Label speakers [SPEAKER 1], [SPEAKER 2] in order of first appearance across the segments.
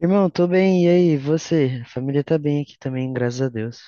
[SPEAKER 1] Irmão, tô bem, e aí, você? A família tá bem aqui também, graças a Deus.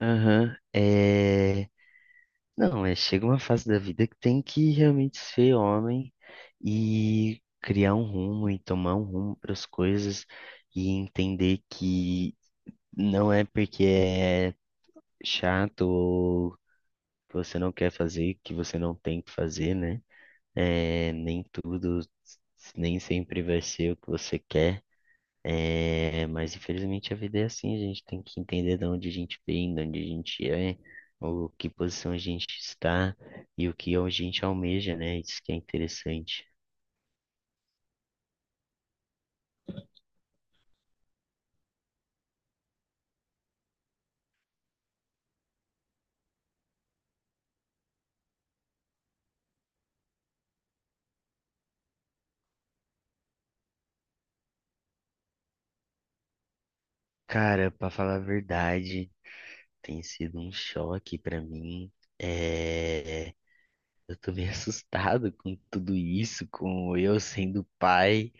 [SPEAKER 1] Aham, Não, chega uma fase da vida que tem que realmente ser homem e criar um rumo e tomar um rumo para as coisas e entender que não é porque é chato ou você não quer fazer que você não tem que fazer, né? Nem tudo, nem sempre vai ser o que você quer. Mas infelizmente a vida é assim, a gente tem que entender de onde a gente vem, de onde a gente é, o que posição a gente está e o que a gente almeja, né? Isso que é interessante. Cara, pra falar a verdade, tem sido um choque pra mim. É, eu tô meio assustado com tudo isso, com eu sendo pai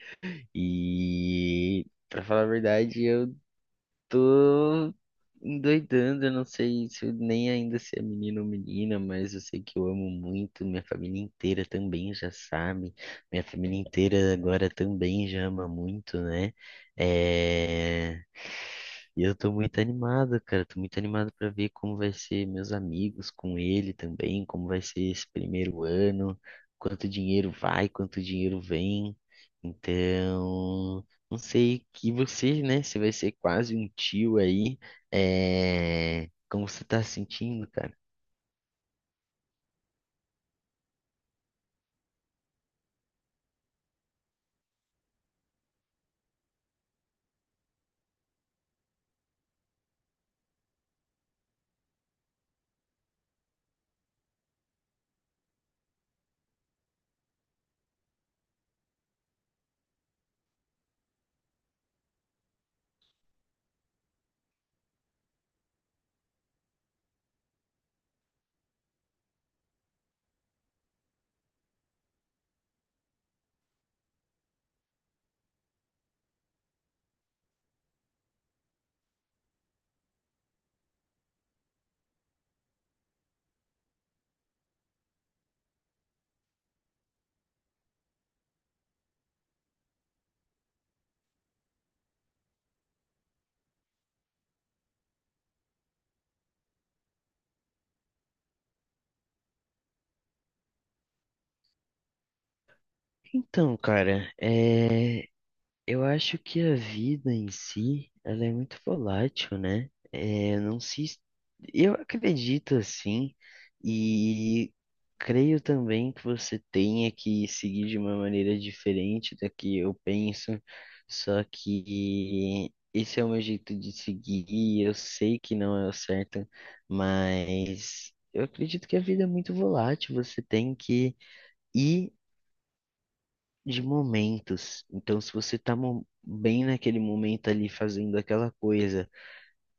[SPEAKER 1] e, pra falar a verdade, eu tô endoidando, eu não sei se eu- nem ainda se é menino ou menina, mas eu sei que eu amo muito, minha família inteira também já sabe, minha família inteira agora também já ama muito, né? É... E eu tô muito animado, cara, tô muito animado pra ver como vai ser meus amigos com ele também, como vai ser esse primeiro ano, quanto dinheiro vai, quanto dinheiro vem, então. Não sei que você, né? Você vai ser quase um tio aí. Como você tá se sentindo, cara? Então, cara, eu acho que a vida em si, ela é muito volátil, né? É, não se, es- eu acredito assim e creio também que você tenha que seguir de uma maneira diferente da que eu penso. Só que esse é o meu jeito de seguir, e eu sei que não é o certo, mas eu acredito que a vida é muito volátil. Você tem que ir de momentos. Então, se você tá bem naquele momento ali fazendo aquela coisa,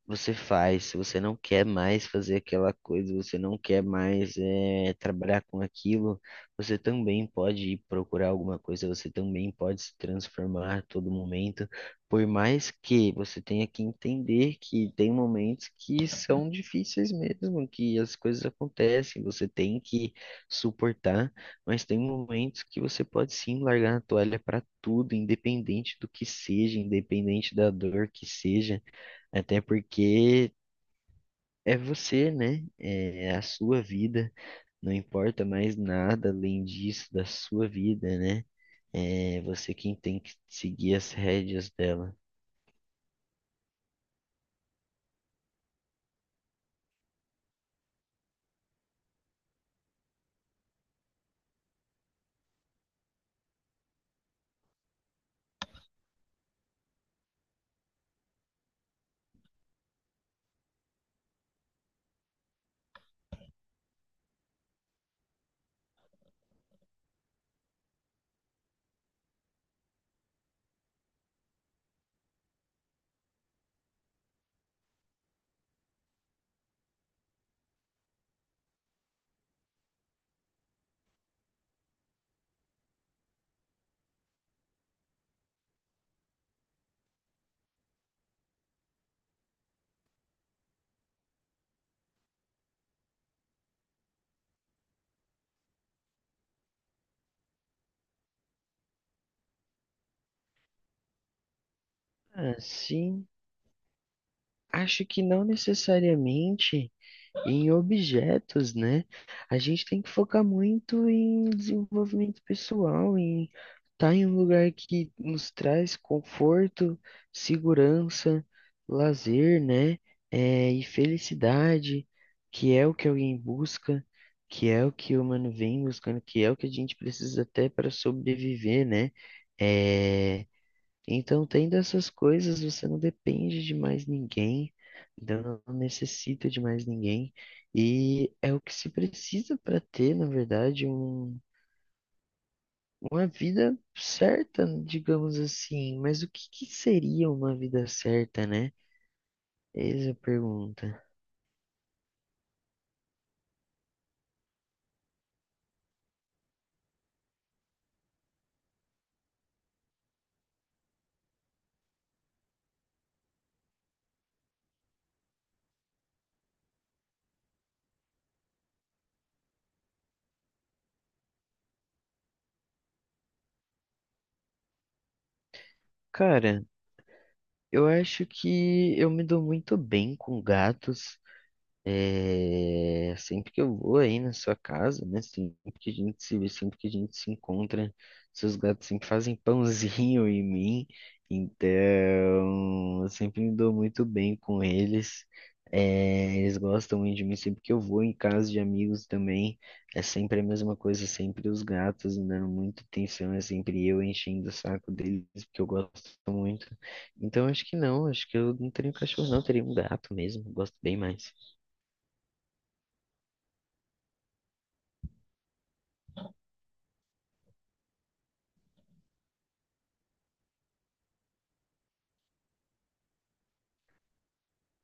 [SPEAKER 1] você faz, se você não quer mais fazer aquela coisa, você não quer mais trabalhar com aquilo, você também pode ir procurar alguma coisa, você também pode se transformar a todo momento, por mais que você tenha que entender que tem momentos que são difíceis mesmo, que as coisas acontecem, você tem que suportar, mas tem momentos que você pode sim largar a toalha para tudo, independente do que seja, independente da dor que seja. Até porque é você, né? É a sua vida. Não importa mais nada além disso da sua vida, né? É você quem tem que seguir as rédeas dela. Assim, acho que não necessariamente em objetos, né? A gente tem que focar muito em desenvolvimento pessoal, em estar em um lugar que nos traz conforto, segurança, lazer, né? E felicidade, que é o que alguém busca, que é o que o humano vem buscando, que é o que a gente precisa até para sobreviver, né? É, então, tendo essas coisas, você não depende de mais ninguém, então não necessita de mais ninguém, e é o que se precisa para ter, na verdade, uma vida certa, digamos assim. Mas o que que seria uma vida certa, né? Eis a pergunta. Cara, eu acho que eu me dou muito bem com gatos. Sempre que eu vou aí na sua casa, né? Sempre que a gente se vê, sempre que a gente se encontra, seus gatos sempre fazem pãozinho em mim, então eu sempre me dou muito bem com eles. Eles gostam muito de mim, sempre que eu vou em casa de amigos também, é sempre a mesma coisa, sempre os gatos me dando muita atenção, é sempre eu enchendo o saco deles, porque eu gosto muito. Então acho que não, acho que eu não teria um cachorro, não, eu teria um gato mesmo, eu gosto bem mais.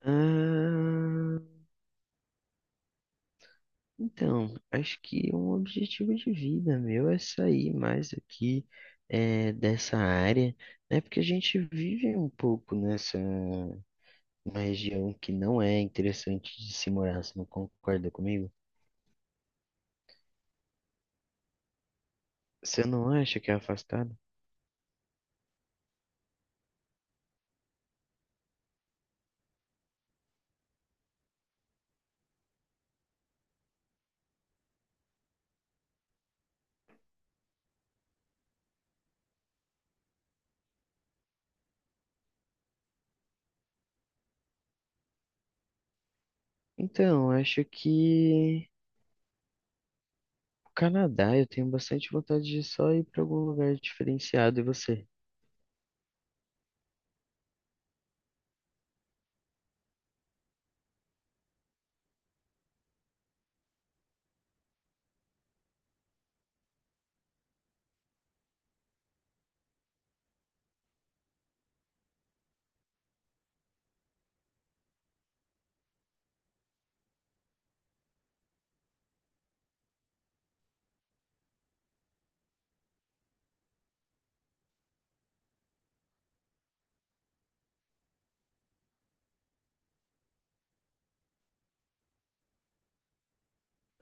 [SPEAKER 1] Ah, então, acho que um objetivo de vida meu é sair mais aqui dessa área, né? Porque a gente vive um pouco nessa uma região que não é interessante de se morar, você não concorda comigo? Você não acha que é afastado? Então, acho que o Canadá, eu tenho bastante vontade de só ir para algum lugar diferenciado, e você?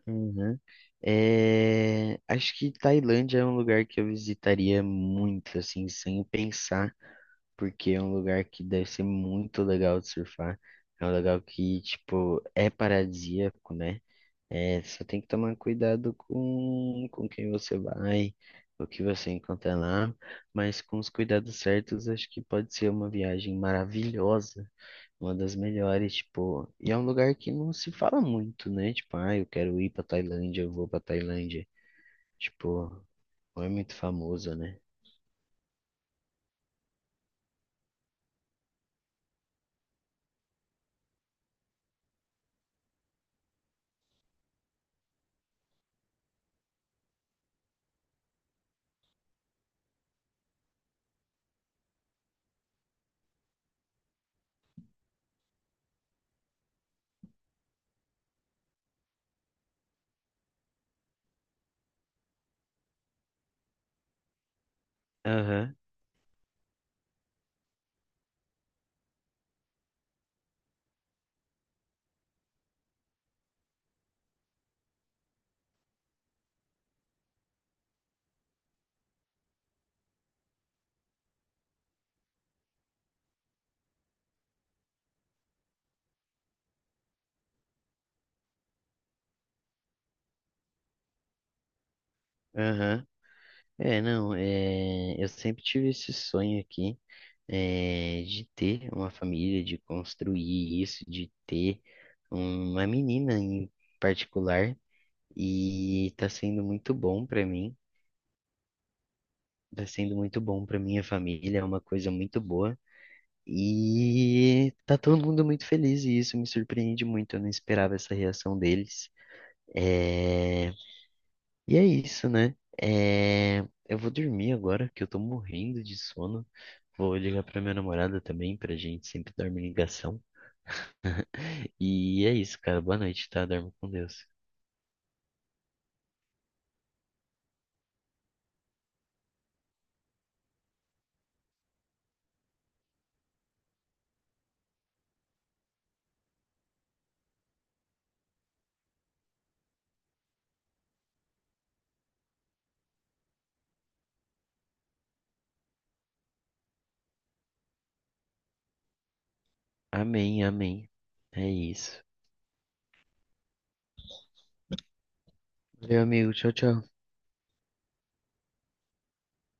[SPEAKER 1] Uhum. Acho que Tailândia é um lugar que eu visitaria muito, assim, sem pensar, porque é um lugar que deve ser muito legal de surfar. É um lugar que, tipo, é paradisíaco, né? Só tem que tomar cuidado com quem você vai, o que você encontra lá, mas com os cuidados certos, acho que pode ser uma viagem maravilhosa. Uma das melhores, tipo, e é um lugar que não se fala muito, né? Tipo, ah, eu quero ir pra Tailândia, eu vou pra Tailândia. Tipo, não é muito famoso, né? Aham, aham. Não, eu sempre tive esse sonho aqui, de ter uma família, de construir isso, de ter uma menina em particular, e tá sendo muito bom pra mim, tá sendo muito bom pra minha família, é uma coisa muito boa. E tá todo mundo muito feliz e isso me surpreende muito. Eu não esperava essa reação deles. É... E é isso, né? É... Eu vou dormir agora, que eu tô morrendo de sono. Vou ligar pra minha namorada também, pra gente sempre dormir em ligação. E é isso, cara. Boa noite, tá? Dorme com Deus. Amém, amém. É isso. Meu amigo, tchau, tchau.